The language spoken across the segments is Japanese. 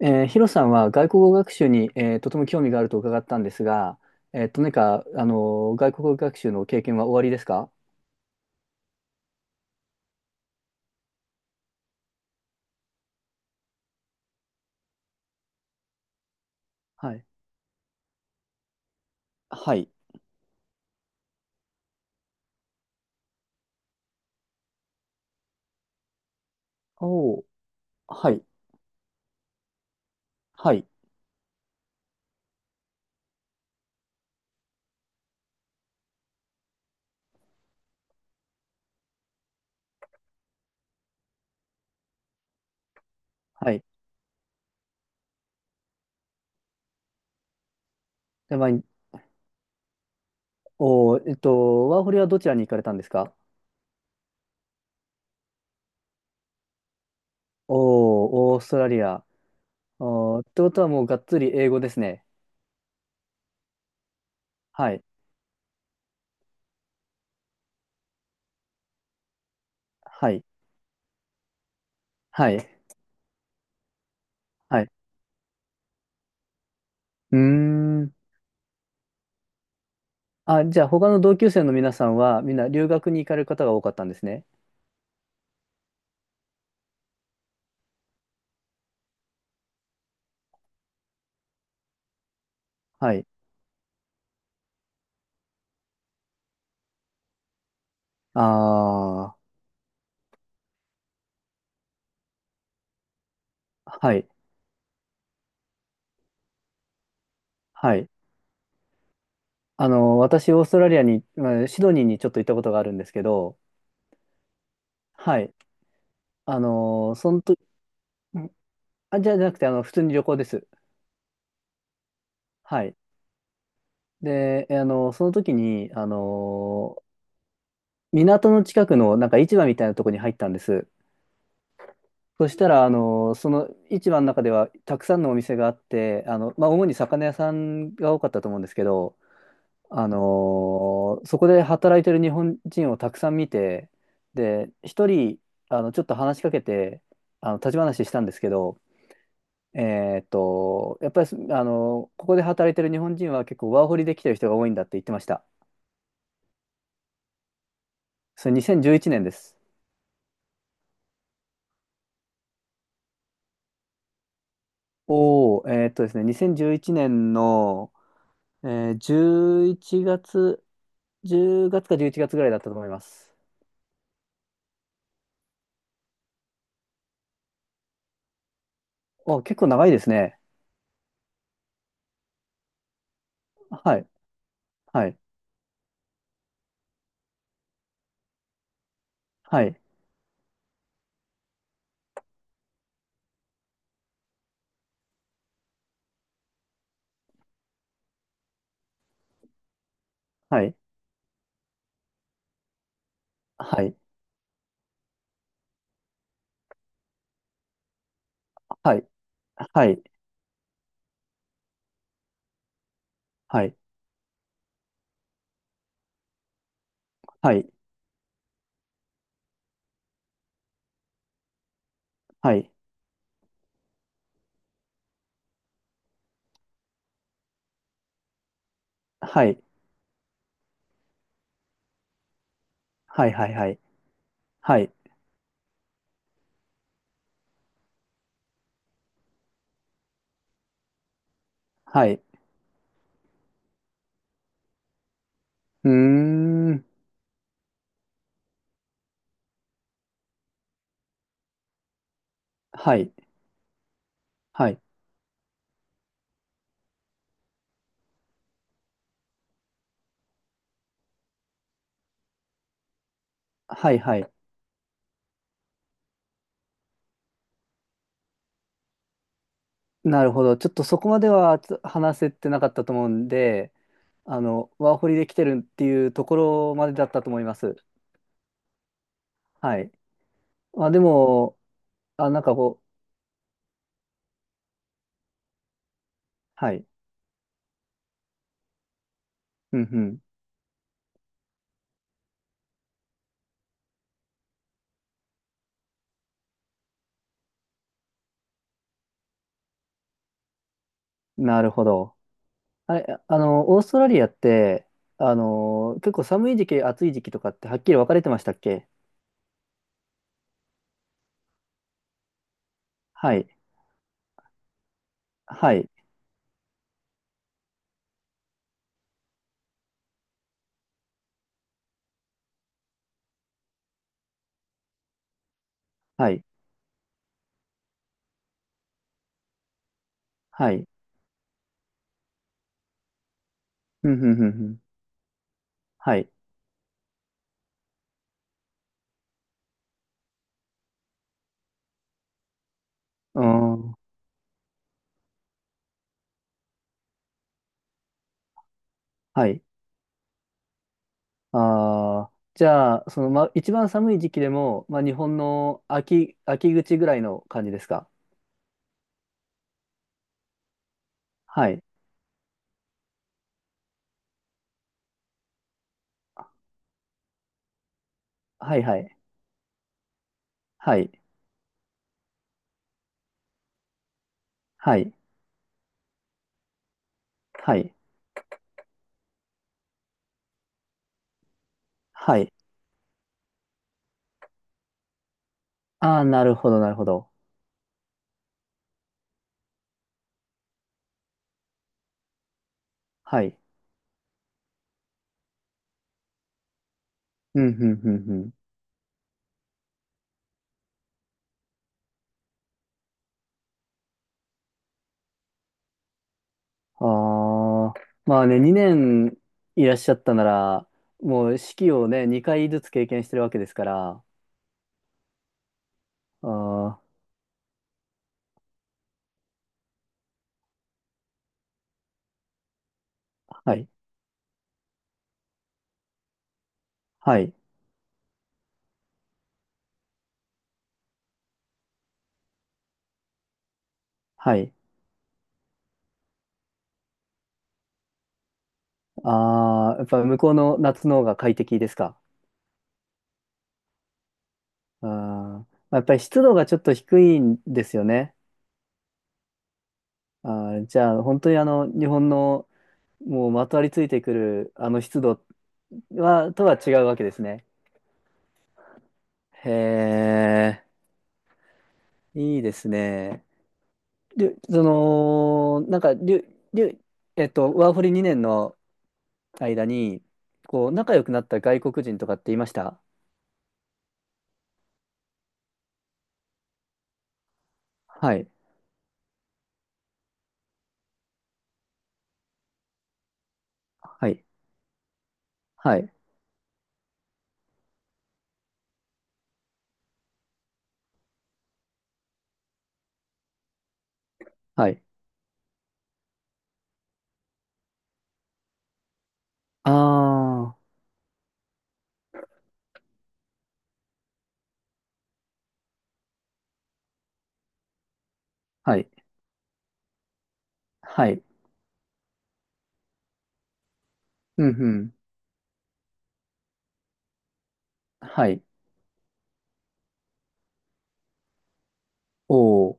ヒロさんは外国語学習に、とても興味があると伺ったんですが、何か、外国語学習の経験はおありですか？はい。はい。おー、はい。はい。はい。で、まあ、おー、ワーホリはどちらに行かれたんですか？おー、オーストラリア。おー、ってことはもうがっつり英語ですね。はい。はい。はい。はい。うーん。あ、じゃあ他の同級生の皆さんはみんな留学に行かれる方が多かったんですね。はい。ああ、はい。はい。私、オーストラリアに、まあシドニーにちょっと行ったことがあるんですけど、はい。あの、そのと、んあ、じゃなくて、普通に旅行です。はい。で、その時に、港の近くの、なんか市場みたいなところに入ったんです。そしたら、その市場の中では、たくさんのお店があって、まあ、主に魚屋さんが多かったと思うんですけど、そこで働いてる日本人をたくさん見て、で、一人、ちょっと話しかけて、立ち話したんですけど、やっぱりす、あのーここで働いてる日本人は結構ワーホリで来てる人が多いんだって言ってました。それ2011年です。おお、ですね、2011年の、え11月、10月か11月ぐらいだったと思います。お、結構長いですね。はい、はい、はい、はい、はい、はい。はい、はい、はい、はい、はい、はい、はい、はい、はい、はい、うーん、はい、はい、はい、はい。なるほど。ちょっとそこまでは話せてなかったと思うんで、ワーホリで来てるっていうところまでだったと思います。はい。まあでも、あ、なんかこう、はい、うんうん、なるほど。あれ、オーストラリアって、結構寒い時期、暑い時期とかってはっきり分かれてましたっけ？はい、はい、はい、はい。ふんふんふんふん。はい。うーん。はい。ああ、じゃあ、ま、一番寒い時期でも、ま、日本の秋口ぐらいの感じですか？はい。はい、はい。はい。はい。はい。はい。ああ、なるほど、なるほど。はい。うん、うんうんうん。ああ、まあね、2年いらっしゃったなら、もう四季をね、2回ずつ経験してるわけですから。ああ、はい。はい。はい。ああ、やっぱ向こうの夏の方が快適ですか？まあ、やっぱり湿度がちょっと低いんですよね。あー、じゃあ、本当に日本のもうまとわりついてくるあの湿度とは違うわけですね。へえ、いいですね。で、その、なんか、りゅ、りゅ、えっと、ワーホリ2年の間に、こう、仲良くなった外国人とかっていました？はい。はい。はい。はい。ああ、はい。はい。うんうん。はい。おー。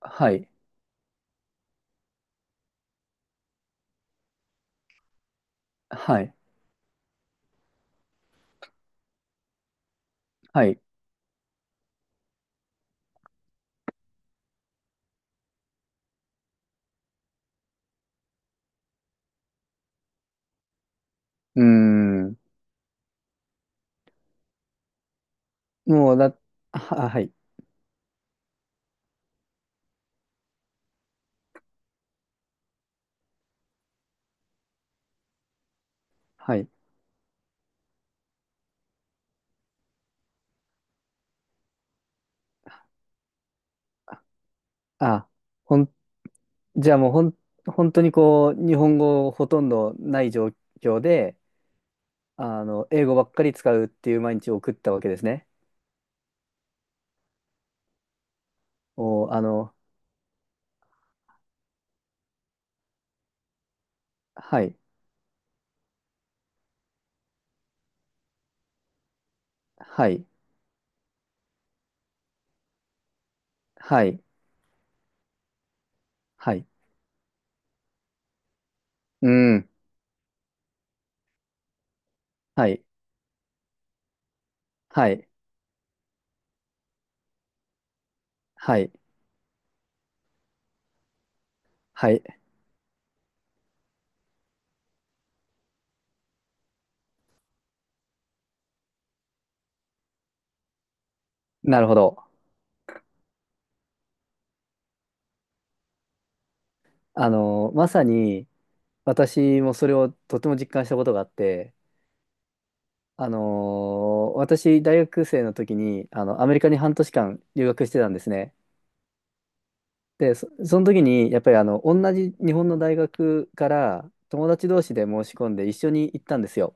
はい。はい。はい。うーん。もうだ、は、はい。はい。あ、ほん、じゃあもうほん、本当にこう、日本語ほとんどない状況で、英語ばっかり使うっていう毎日を送ったわけですね。お、あの、はい。はい。はい。はい。うん。はい。はい。はい。はい。なるほど。まさに、私もそれをとても実感したことがあって、私、大学生の時に、アメリカに半年間留学してたんですね。で、その時に、やっぱり、同じ日本の大学から友達同士で申し込んで一緒に行ったんですよ。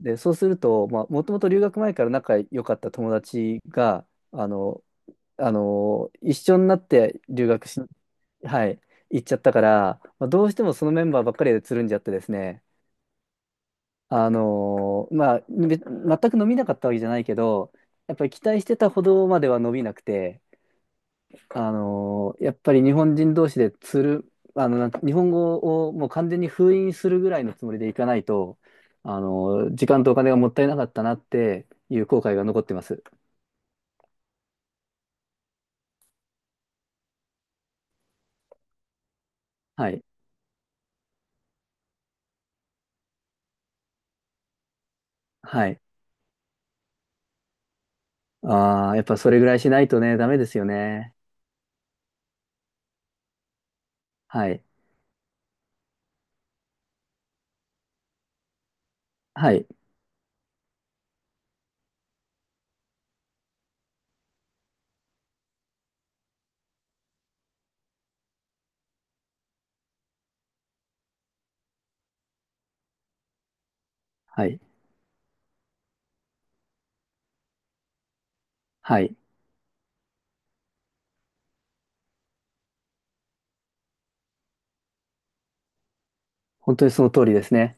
で、そうすると、まあ、もともと留学前から仲良かった友達が、あの、一緒になって留学し、はい、行っちゃったから、まあ、どうしてもそのメンバーばっかりでつるんじゃってですね。まあ、全く伸びなかったわけじゃないけど、やっぱり期待してたほどまでは伸びなくて、やっぱり日本人同士でつる、あの、なん日本語をもう完全に封印するぐらいのつもりでいかないと、時間とお金がもったいなかったなっていう後悔が残ってます。はい。はい。ああ、やっぱそれぐらいしないとね、ダメですよね。はい。はい。はい。はい。本当にその通りですね。